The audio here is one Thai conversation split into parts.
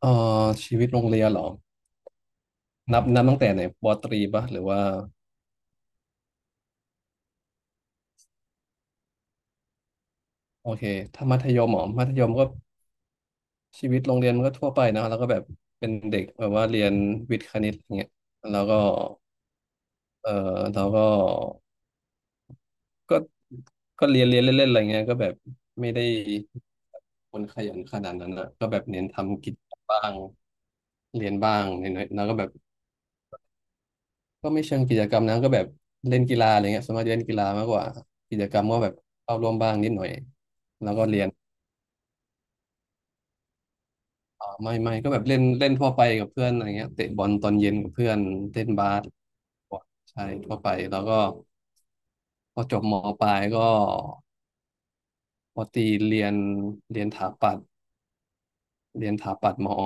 เอ่อชีวิตโรงเรียนเหรอนับตั้งแต่ไหนปอตรีปะหรือว่าโอเคถ้ามัธยมเหรอมัธยมก็ชีวิตโรงเรียนมันก็ทั่วไปนะแล้วก็แบบเป็นเด็กแบบว่าเรียนวิทย์คณิตอย่างเงี้ยแล้วก็เออเราก็ก็เรียนเล่นๆอะไรเงี้ยก็แบบไม่ได้คนขยันขนาดนั้นนะก็แบบเน้นทำกิจบ้างเรียนบ้างนิดหน่อยแล้วก็แบบ ก็ไม่เชิงกิจกรรมนะก็แบบเล่นกีฬาอะไรเงี้ยส่วนมากจะเล่นกีฬามากกว่ากิจกรรมก็แบบเข้าร่วมบ้างนิดหน่อยแล้วก็เรียนไม่ไม่ก็แบบเล่นเล่นทั่วไปกับเพื่อนอะไรเงี้ยเตะบอลตอนเย็นกับเพื่อนเล่นบาสใช่ทั่วไปแล้วก็พอจบมปลายก็พอตีเรียนเรียนถาปัตย์เรียนถาปัตย์มอ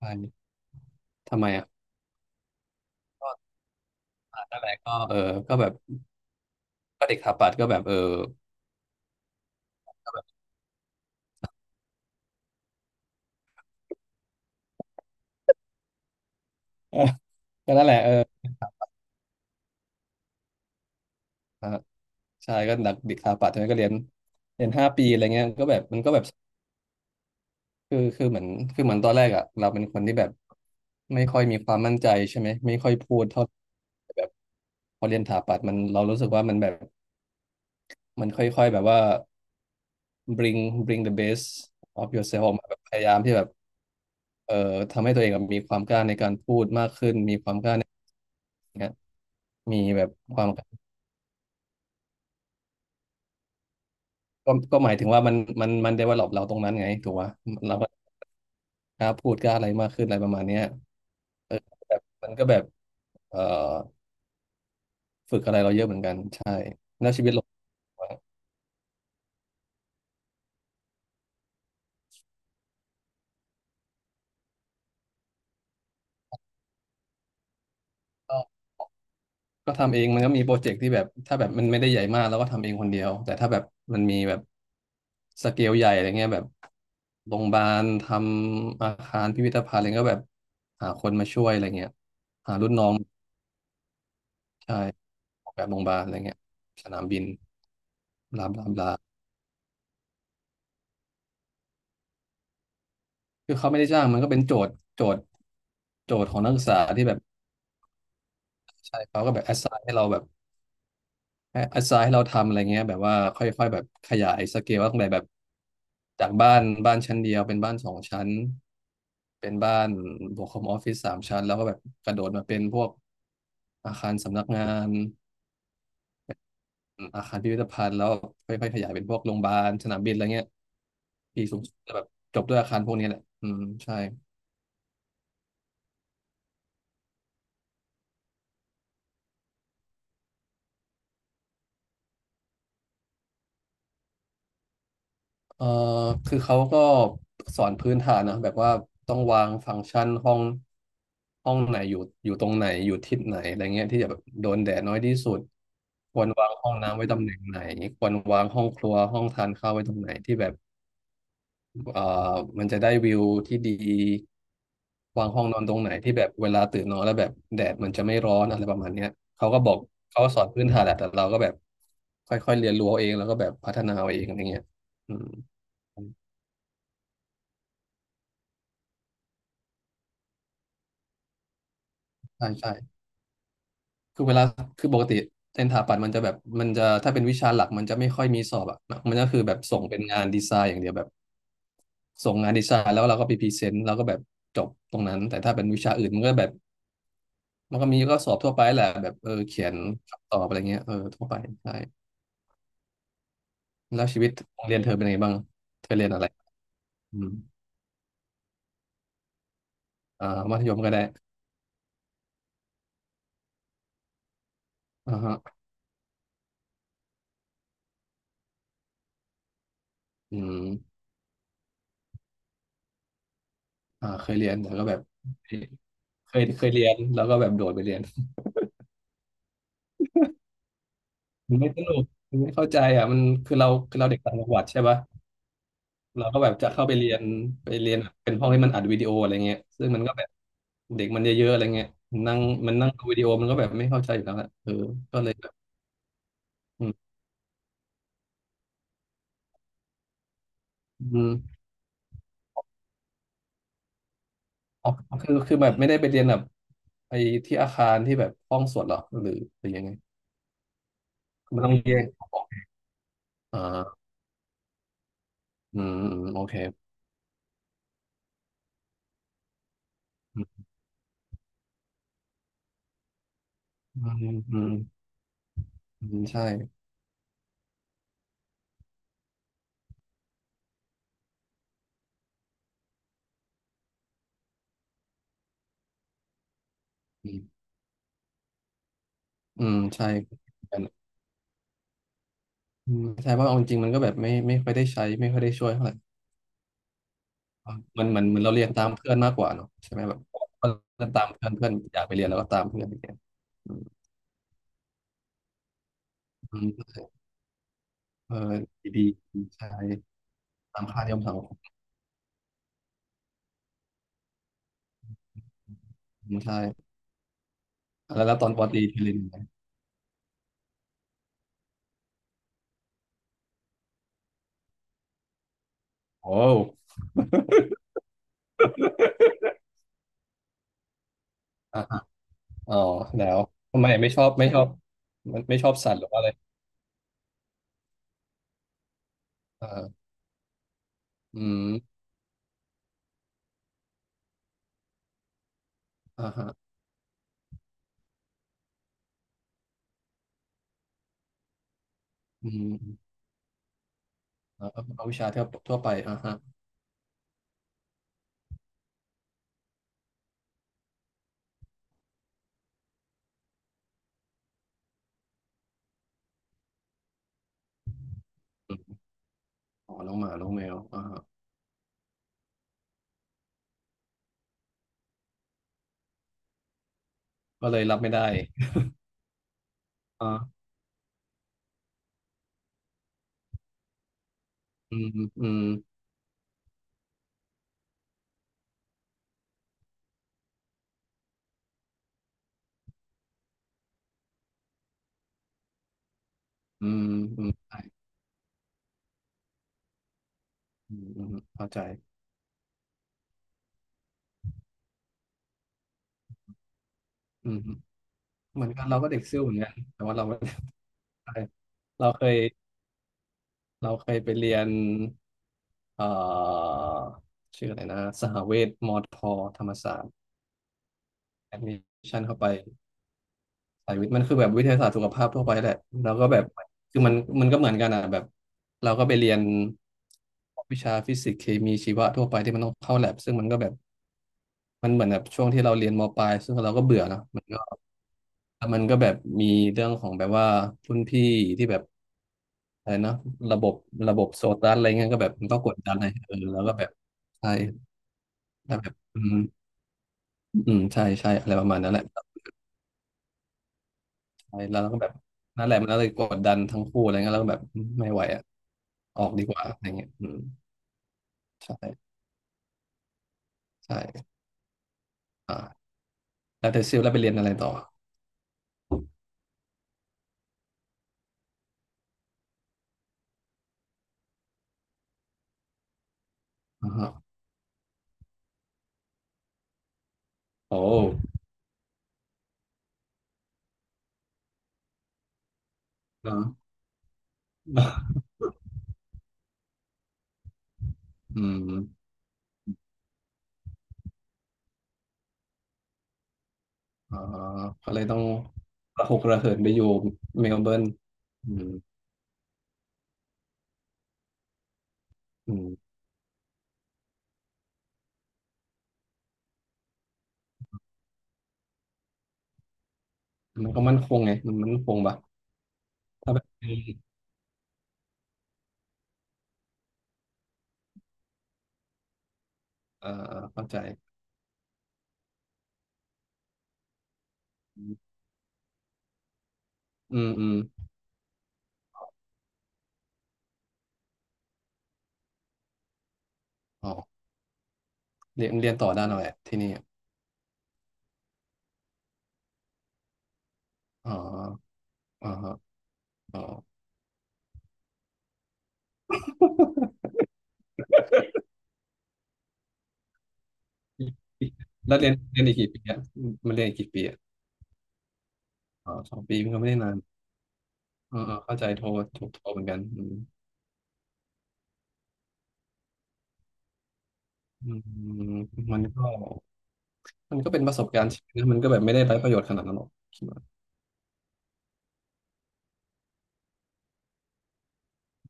ใช่ทำไมอ่ะก็นั่นแหละก็ก็แบบก็เด็กถาปัตย์ก็แบบก็แบบ ก็นั่นแหละใช่ก็ดักเด็กสถาปัตย์ใช่ไหมก็เรียนห้าปีอะไรเงี้ยก็แบบมันก็แบบคือคือเหมือนคือเหมือนตอนแรกอ่ะเราเป็นคนที่แบบไม่ค่อยมีความมั่นใจใช่ไหมไม่ค่อยพูดเท่าแบบพอเรียนสถาปัตย์มันเรารู้สึกว่ามันแบบมันค่อยๆแบบว่า bring bring the best of yourself ออกมาแบบพยายามที่แบบเอ่อทำให้ตัวเองแบบมีความกล้าในการพูดเงี้ยมีแบบความก็หมายถึงว่ามันมัน develop เราตรงนั้นไงถูกปะเราก็กล้าพูดกล้าอะไรมากขึ้นอะไรประมาณเนี้ย แบบมันก็แบบเอ่อฝึกอะไรเราเยอะเหมือนกันใช่แล้วชีวิตเราก็ก็ทำเองมันก็มีโปรเจกต์ที่แบบถ้าแบบมันไม่ได้ใหญ่มากเราก็ทำเองคนเดียวแต่ถ้าแบบมันมีแบบสเกลใหญ่อะไรเงี้ยแบบโรงพยาบาลทำอาคารพิพิธภัณฑ์อะไรก็แบบหาคนมาช่วยอะไรเงี้ยหารุ่นน้องใช่ออกแบบโรงพยาบาลอะไรเงี้ยสนามบินบลาบลาบลาคือเขาไม่ได้จ้างมันก็เป็นโจทย์ของนักศึกษาที่แบบใช่เขาก็แบบแอสไซน์ให้เราแบบ ให้อาสาให้เราทำอะไรเงี้ยแบบว่าค่อยๆแบบขยายสเกลว่าตั้งแต่แบบจากบ้านชั้นเดียวเป็นบ้านสองชั้นเป็นบ้านบวกคอมออฟฟิศสามชั้นแล้วก็แบบกระโดดมาเป็นพวกอาคารสำนักงานอาคารพิพิธภัณฑ์แล้วค่อยๆขยายเป็นพวกโรงพยาบาลสนามบินอะไรเงี้ยปีสูงสุดจะแบบจบด้วยอาคารพวกนี้แหละอืมใช่ เอ่อคือเขาก็สอนพื้นฐานนะแบบว่าต้องวางฟังก์ชันห้องห้องไหนอยู่ตรงไหนอยู่ทิศไหนอะไรเงี้ยที่จะแบบโดนแดดน้อยที่สุดควรวางห้องน้ำไว้ตำแหน่งไหนควรวางห้องครัวห้องทานข้าวไว้ตรงไหนที่แบบเอ่อมันจะได้วิวที่ดีวางห้องนอนตรงไหนที่แบบเวลาตื่นนอนแล้วแบบแดดมันจะไม่ร้อนอะไรประมาณเนี้ยเขาก็บอกเขาก็สอนพื้นฐานแหละแต่เราก็แบบค่อยๆเรียนรู้เอาเองแล้วก็แบบพัฒนาเอาเองอะไรเงี้ยอืม ใช่ใช่คือเวลาคือปกติเส็นสถาปัตย์มันจะแบบมันจะถ้าเป็นวิชาหลักมันจะไม่ค่อยมีสอบอ่ะมันก็คือแบบส่งเป็นงานดีไซน์อย่างเดียวแบบส่งงานดีไซน์แล้วเราก็ไปพรีเซนต์แล้วก็แบบจบตรงนั้นแต่ถ้าเป็นวิชาอื่นมันก็แบบมันก็มีก็สอบทั่วไปแหละแบบเขียนคำตอบอะไรเงี้ยทั่วไปใช่แล้วชีวิตโรงเรียนเธอเป็นยังไงบ้างเธอเรียนอะไรอืมมัธยมก็ได้อ่าฮะอืมเคยเรียนแต่ก็แบบเเคยเรียนแล้วก็แบบโดดไปเรียน มันไม่สนุกมันไม่เข้าใจอ่ะมันคือเราเด็กต่างจังหวัดใช่ปะเราก็แบบจะเข้าไปเรียนไปเรียนเป็นห้องที่มันอัดวิดีโออะไรเงี้ยซึ่งมันก็แบบเด็กมันเยอะๆอะไรเงี้ยนั่งมันนั่งดูวิดีโอมันก็แบบไม่เข้าใจอยู่แล้วแหละเออก็เลยแบบอืมอืมอ๋อคือแบบไม่ได้ไปเรียนแบบไปที่อาคารที่แบบห้องสวดหรอหรือหรือยังไงคือมันต้องแยกอ่าอืมอืมโอเคอืมอืมอืมอืมใช่อืมอืมใช่ อืมใช่เพราะเอาจริงๆมันก็แบบไม่ค่อยได้ใช้ไม่ค่อยได้ช่วยเท่าไหร่มันเหมือนเราเรียนตามเพื่อนมากกว่าเนอะใช่ไหมแบบเรียนตามเพื่อนเพื่อนอยากไปเรียนแล้วก็ตามเพื่อนไปเรียนอืมอืมเออดีๆใช่ตามค่านิยมสังคมใช่แล้วตอนปอตรีทีเรียนยู่ไงโอ้อ่ะอะอ๋อแล้วทำไมไม่ชอบมันไม่ชอบสัตว์หรือว่าอะไรเอออืมอ่าฮะอืมเอาวิชาทั่วไปอ่าฮะอมอ๋อน้องหมาน้องแมวอ่าฮะก็เลยรับไม่ได้อ่าอืมอืม อืมอืมใช่อืมอืมเข้าใจอืมเหมือนกันเราก็เด็กซิ่วเหมือนกันแต่ว่าเราไม่ได้ไปเราเคยเราเคยไปเรียนเอ่อชื่ออะไรนะสหเวชมอทอธรรมศาสตร์แอดมิชั่นเข้าไปสายวิทย์มันคือแบบวิทยาศาสตร์สุขภาพทั่วไปแหละเราก็แบบคือมันก็เหมือนกันอ่ะแบบเราก็ไปเรียนวิชาฟิสิกส์เคมีชีวะทั่วไปที่มันต้องเข้าแลบซึ่งมันก็แบบมันเหมือนแบบช่วงที่เราเรียนมปลายซึ่งเราก็เบื่อนะ แล้วมันก็แบบมีเรื่องของแบบว่ารุ่นพี่ที่แบบอะไรนะระบบโซตัสอะไรเงี้ยก็แบบมันก็กดดันให้เออแล้วก็แบบใช่แล้วแบบอืมอืมใช่ใช่อะไรประมาณนั้นแหละใช่แล้วก็แบบนั่นแหละมันก็เลยกดดันทั้งคู่อะไรเงี้ยแล้วก็แบบไม่ไหวอ่ะออกดีกว่าอะไรเงี้ยอืมใช่ใช่อ่าแล้วเธอซิลแล้วไปเรียนอะไรต่ออ่าฮะโอ้อ่า อืมอ่าก็เลยต้องระหกระเหินไปอยู่เมลเบิร์นอืมอืม มันก็มั่นคงไงมันมั่นคงปะถ้าแบบเออเข้าใจอืมอืมอ๋อเรียนต่อด้านอะไรอะที่นี่อะอ๋ออ๋อฮะอ๋อ แล้วเรียนอีกกี่ปีอ่ะมันเรียนอีกกี่ปีอ่ะอ๋อสองปีมันก็ไม่ได้นานเออเออเข้าใจโทรถูกโทรเหมือนกันอืมอืมมันก็มันก็เป็นประสบการณ์ชีวิตนะมันก็แบบไม่ได้ไร้ประโยชน์ขนาดนั้นหรอกคิดว่า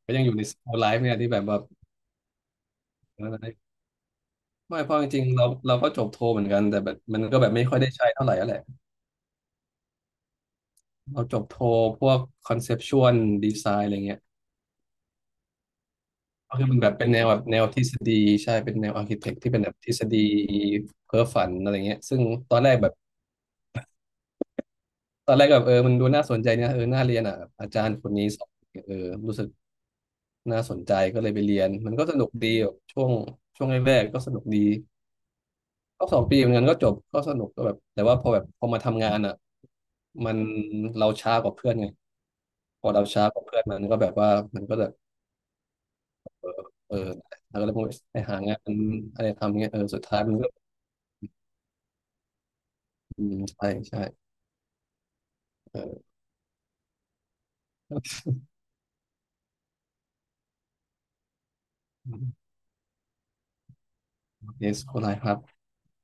ก็ยังอยู่ในสโตไลฟ์เนี่ยที่แบบว่าเออไม่เพราะจริงๆเราก็จบโทรเหมือนกันแต่แบบมันก็แบบไม่ค่อยได้ใช้เท่าไหร่อะไร เราจบโทพวกคอนเซปชวลดีไซน์อะไรเงี้ยก็คือมันแบบเป็นแนวแบบแนวทฤษฎีใช่เป็นแนวอาร์เคเต็กที่เป็นแบบทฤษฎีเพ้อฝันอะไรเงี้ยซึ่งตอนแรกแบบตอนแรกก็แบบเออมันดูน่าสนใจเนี่ยเออน่าเรียนอ่ะแบบอาจารย์คนนี้สอนเออรู้สึกน่าสนใจก็เลยไปเรียนมันก็สนุกดีแบบช่วงช่วงแรกๆก็สนุกดีก็สองปีเหมือนกันก็จบก็สนุกก็แบบแต่ว่าพอแบบพอมาทำงานอ่ะมันเราช้ากว่าเพื่อนไงพอเราช้ากว่าเพื่อนมันก็แบบว่ามันก็จะ เออแล้วก็เลยพวกไปหางานอะไรทำเงี้ยเออสุดท้ายมันก็อืมใช่ใช่เออ yes คนไหครับ